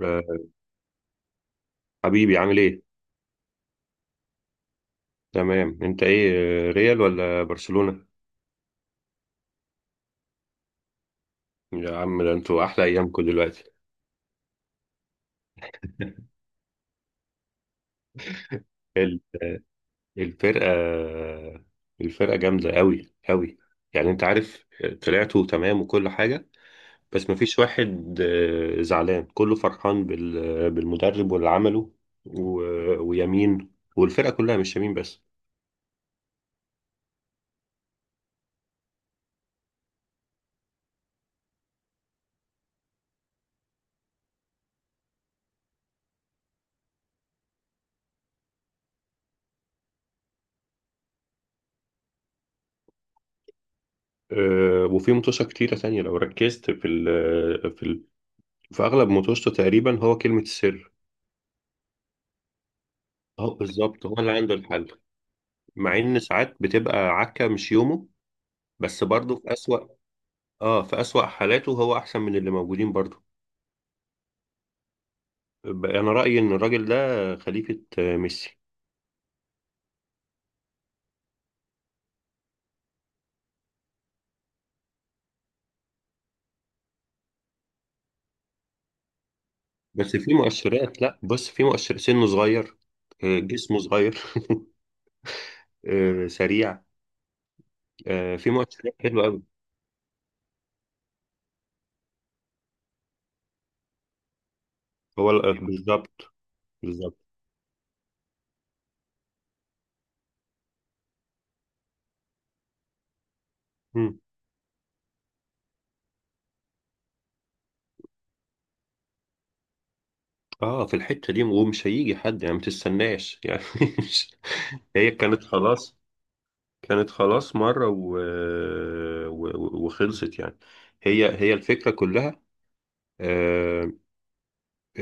آه، حبيبي عامل ايه؟ تمام انت ايه؟ ريال ولا برشلونة؟ يا عم ده انتوا احلى ايامكم دلوقتي. ال- الفرقة. الفرقة جامدة قوي قوي. يعني انت عارف، طلعتوا تمام وكل حاجة. بس مفيش واحد زعلان، كله فرحان بالمدرب واللي عمله. ويمين، والفرقة كلها مش يمين بس. وفي متوشة كتيرة تانية لو ركزت في ال في أغلب متوشته تقريبا هو كلمة السر. هو بالظبط هو اللي عنده الحل. مع ان ساعات بتبقى عكة مش يومه، بس برضه في اسوأ. اه، في اسوأ حالاته هو احسن من اللي موجودين برضه. انا رأيي ان الراجل ده خليفة ميسي. بس في مؤشرات، لا بص، في مؤشر: سنه صغير، جسمه صغير، سريع. في مؤشرات حلوة قوي. بالظبط. بالظبط. مم. اه، في الحتة دي، ومش هيجي حد يعني، ما تستناش يعني، مش- هي كانت خلاص، كانت خلاص مرة وخلصت يعني. هي الفكرة كلها، آه،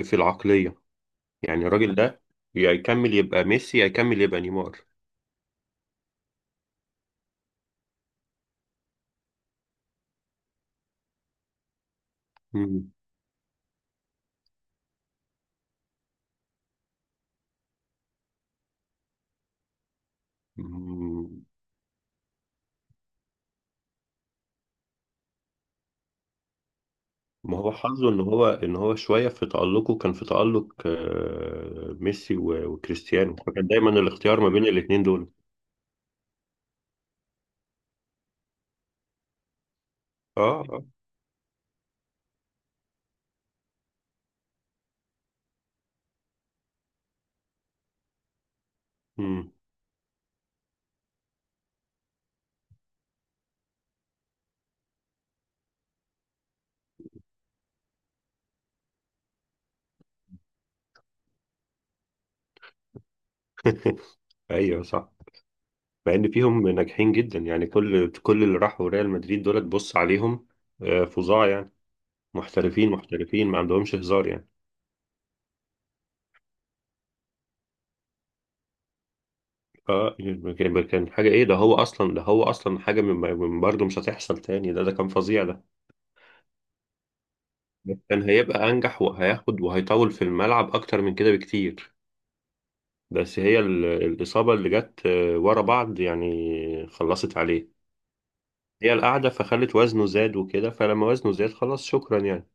في العقلية. يعني الراجل ده يا يكمل يبقى ميسي، يا يكمل يبقى نيمار. مم. مم. ما هو حظه ان هو شوية في تألقه، كان في تألق ميسي وكريستيانو، فكان دايما الاختيار ما بين الاتنين دول. اه، اه. مم. ايوه صح. مع ان فيهم ناجحين جدا يعني، كل اللي راحوا ريال مدريد دول تبص عليهم، فظاع يعني. محترفين، محترفين، ما عندهمش هزار يعني. اه، كان كان حاجه. ايه ده، هو اصلا، ده هو اصلا حاجه من برضه مش هتحصل تاني، ده ده كان فظيع ده. ده كان هيبقى انجح وهياخد وهيطول في الملعب اكتر من كده بكتير. بس هي الاصابه اللي جت ورا بعض يعني خلصت عليه. هي القعده فخلت وزنه زاد وكده، فلما وزنه زاد خلاص، شكرا يعني.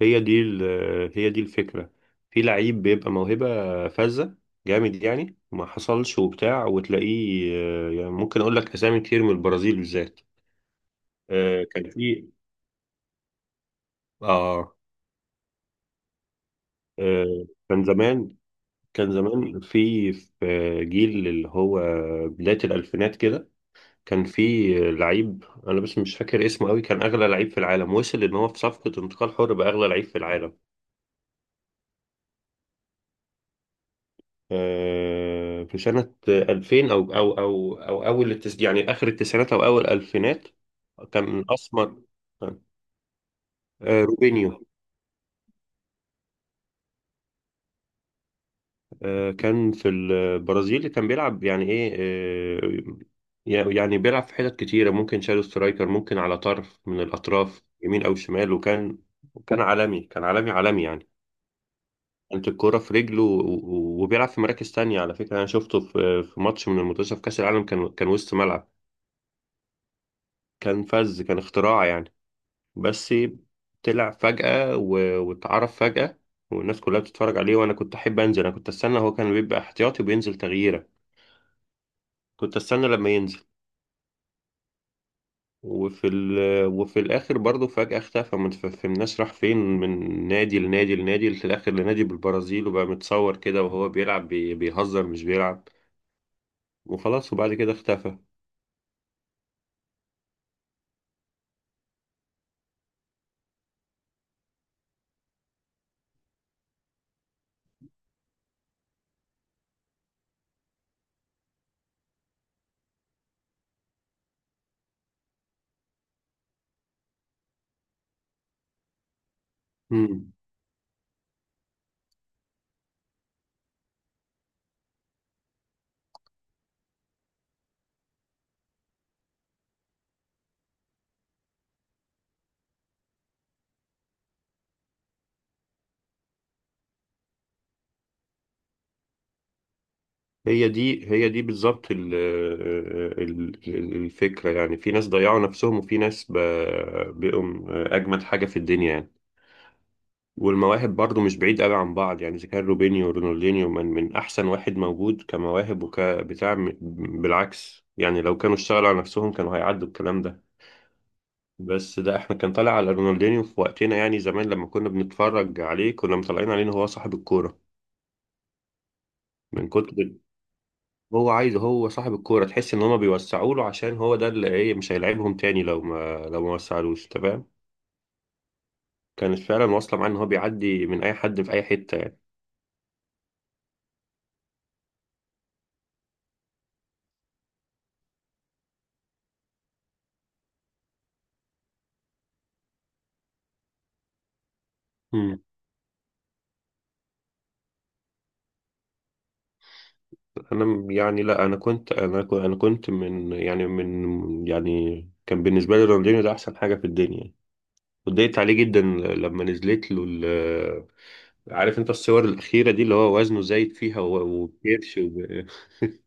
هي دي الفكرة. في لعيب بيبقى موهبة فذة، جامد يعني، ما حصلش وبتاع، وتلاقيه يعني ممكن اقول لك اسامي كتير من البرازيل بالذات. كان في. اه. كان زمان، كان زمان في في جيل اللي هو بداية الألفينات كده. كان في لعيب أنا بس مش فاكر اسمه قوي، كان أغلى لعيب في العالم، وصل إن هو في صفقة انتقال حر بأغلى لعيب في العالم. في سنة 2000 أو أول يعني آخر التسعينات أو أول الألفينات. كان أسمر، روبينيو. كان في البرازيل كان بيلعب يعني إيه. يعني بيلعب في حتت كتيرة، ممكن شادو سترايكر، ممكن على طرف من الأطراف، يمين أو شمال، وكان. كان عالمي كان عالمي يعني. كانت الكرة في رجله وبيلعب في مراكز تانية، على فكرة أنا شفته في ماتش من المنتخب في كأس العالم، كان وسط ملعب. كان فذ، كان اختراع يعني. بس طلع فجأة واتعرف فجأة، والناس كلها بتتفرج عليه، وانا كنت احب انزل، انا كنت استنى، هو كان بيبقى احتياطي وبينزل تغييره، كنت استنى لما ينزل. وفي ال... وفي الاخر برضه فجأة اختفى، ما تفهمناش راح فين، من نادي لنادي لنادي، في الاخر لنادي بالبرازيل، وبقى متصور كده وهو بيلعب بيهزر مش بيلعب، وخلاص، وبعد كده اختفى. مم. هي دي بالظبط الفكرة. يعني في ناس ضيعوا نفسهم، وفي ناس بقوا أجمد حاجة في الدنيا يعني. والمواهب برضو مش بعيد قوي عن بعض يعني، إذا كان روبينيو ورونالدينيو من أحسن واحد موجود كمواهب بالعكس يعني، لو كانوا اشتغلوا على نفسهم كانوا هيعدوا الكلام ده. بس ده احنا كان طالع على رونالدينيو في وقتنا يعني، زمان لما كنا بنتفرج عليه كنا مطلعين عليه إن هو صاحب الكورة، من كتر هو عايز، هو صاحب الكورة، تحس ان هما بيوسعوا له عشان هو ده اللي ايه، مش هيلعبهم تاني لو ما وسعلوش، تمام. كانت فعلا واصلة معاه ان هو بيعدي من اي حد في اي حتة يعني. مم. يعني لا، انا كنت من يعني كان بالنسبة لي رونالدينيو ده احسن حاجة في الدنيا يعني. اتضايقت عليه جدا لما نزلت له عارف انت الصور الاخيرة دي اللي هو وزنه زايد فيها، وبيرش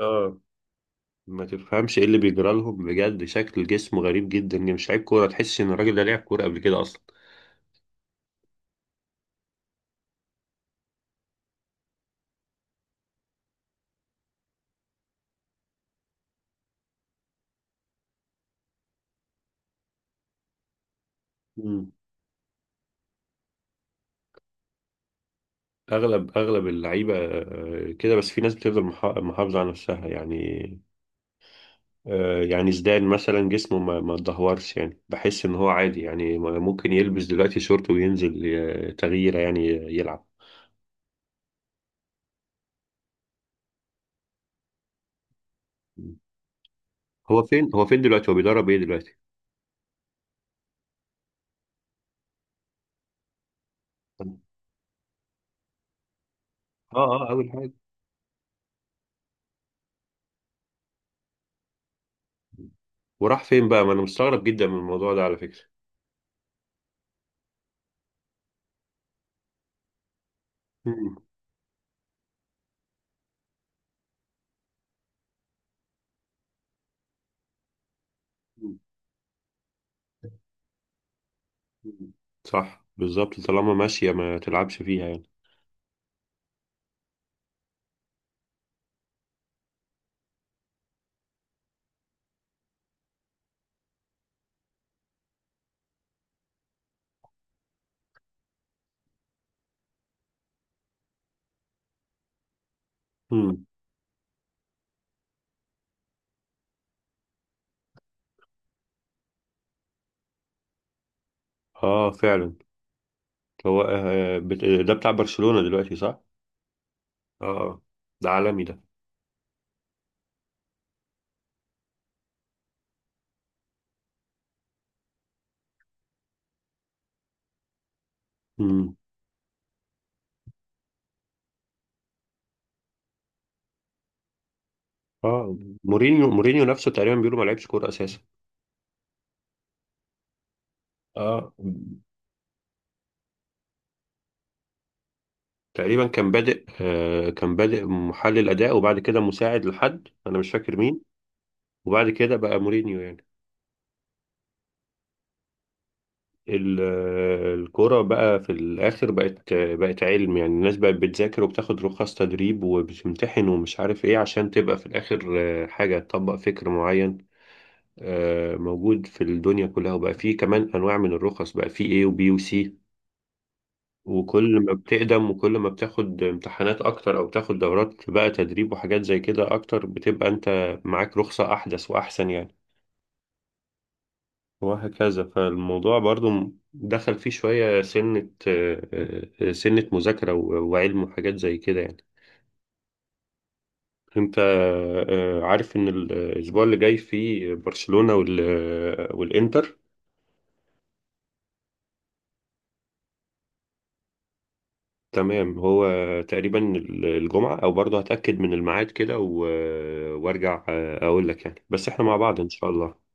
اه، ما تفهمش ايه اللي بيجرى لهم بجد. شكل جسمه غريب جدا يعني، مش لعيب كوره، تحس ان الراجل ده لعب كوره قبل كده اصلا. مم. اغلب اللعيبه كده، بس في ناس بتفضل محافظه على نفسها يعني. يعني زيدان مثلا جسمه ما اتدهورش يعني، بحس ان هو عادي يعني، ممكن يلبس دلوقتي شورت وينزل تغييره يعني، يلعب. مم. هو فين دلوقتي، هو بيدرب ايه دلوقتي؟ اه، اه، اول حاجه. وراح فين بقى؟ ما انا مستغرب جدا من الموضوع ده على فكره. مم. مم. صح، بالظبط، طالما ماشية ما تلعبش فيها يعني. مم. اه، فعلا. هو، ده بتاع برشلونة دلوقتي صح؟ اه. ده عالمي ده. مم. اه. مورينيو نفسه تقريبا بيقولوا ما لعبش كورة اساسا. اه. تقريبا كان بادئ، كان بادئ محلل اداء، وبعد كده مساعد، لحد انا مش فاكر مين، وبعد كده بقى مورينيو يعني. ال- الكرة بقى في الآخر بقت علم يعني، الناس بقت بتذاكر وبتاخد رخص تدريب وبتمتحن ومش عارف إيه، عشان تبقى في الآخر حاجة تطبق فكر معين موجود في الدنيا كلها. وبقى فيه كمان أنواع من الرخص، بقى فيه A وبي وسي، وكل ما بتقدم وكل ما بتاخد امتحانات أكتر أو بتاخد دورات بقى تدريب وحاجات زي كده أكتر، بتبقى أنت معاك رخصة أحدث وأحسن يعني. وهكذا. فالموضوع برضو دخل فيه شوية، سنة آه، آه، سنة مذاكرة وعلم وحاجات زي كده يعني. انت عارف ان الاسبوع اللي جاي فيه برشلونة والانتر؟ تمام، هو تقريبا الجمعة، او برضو هتأكد من الميعاد كده وارجع اقول لك يعني، بس احنا مع بعض ان شاء الله.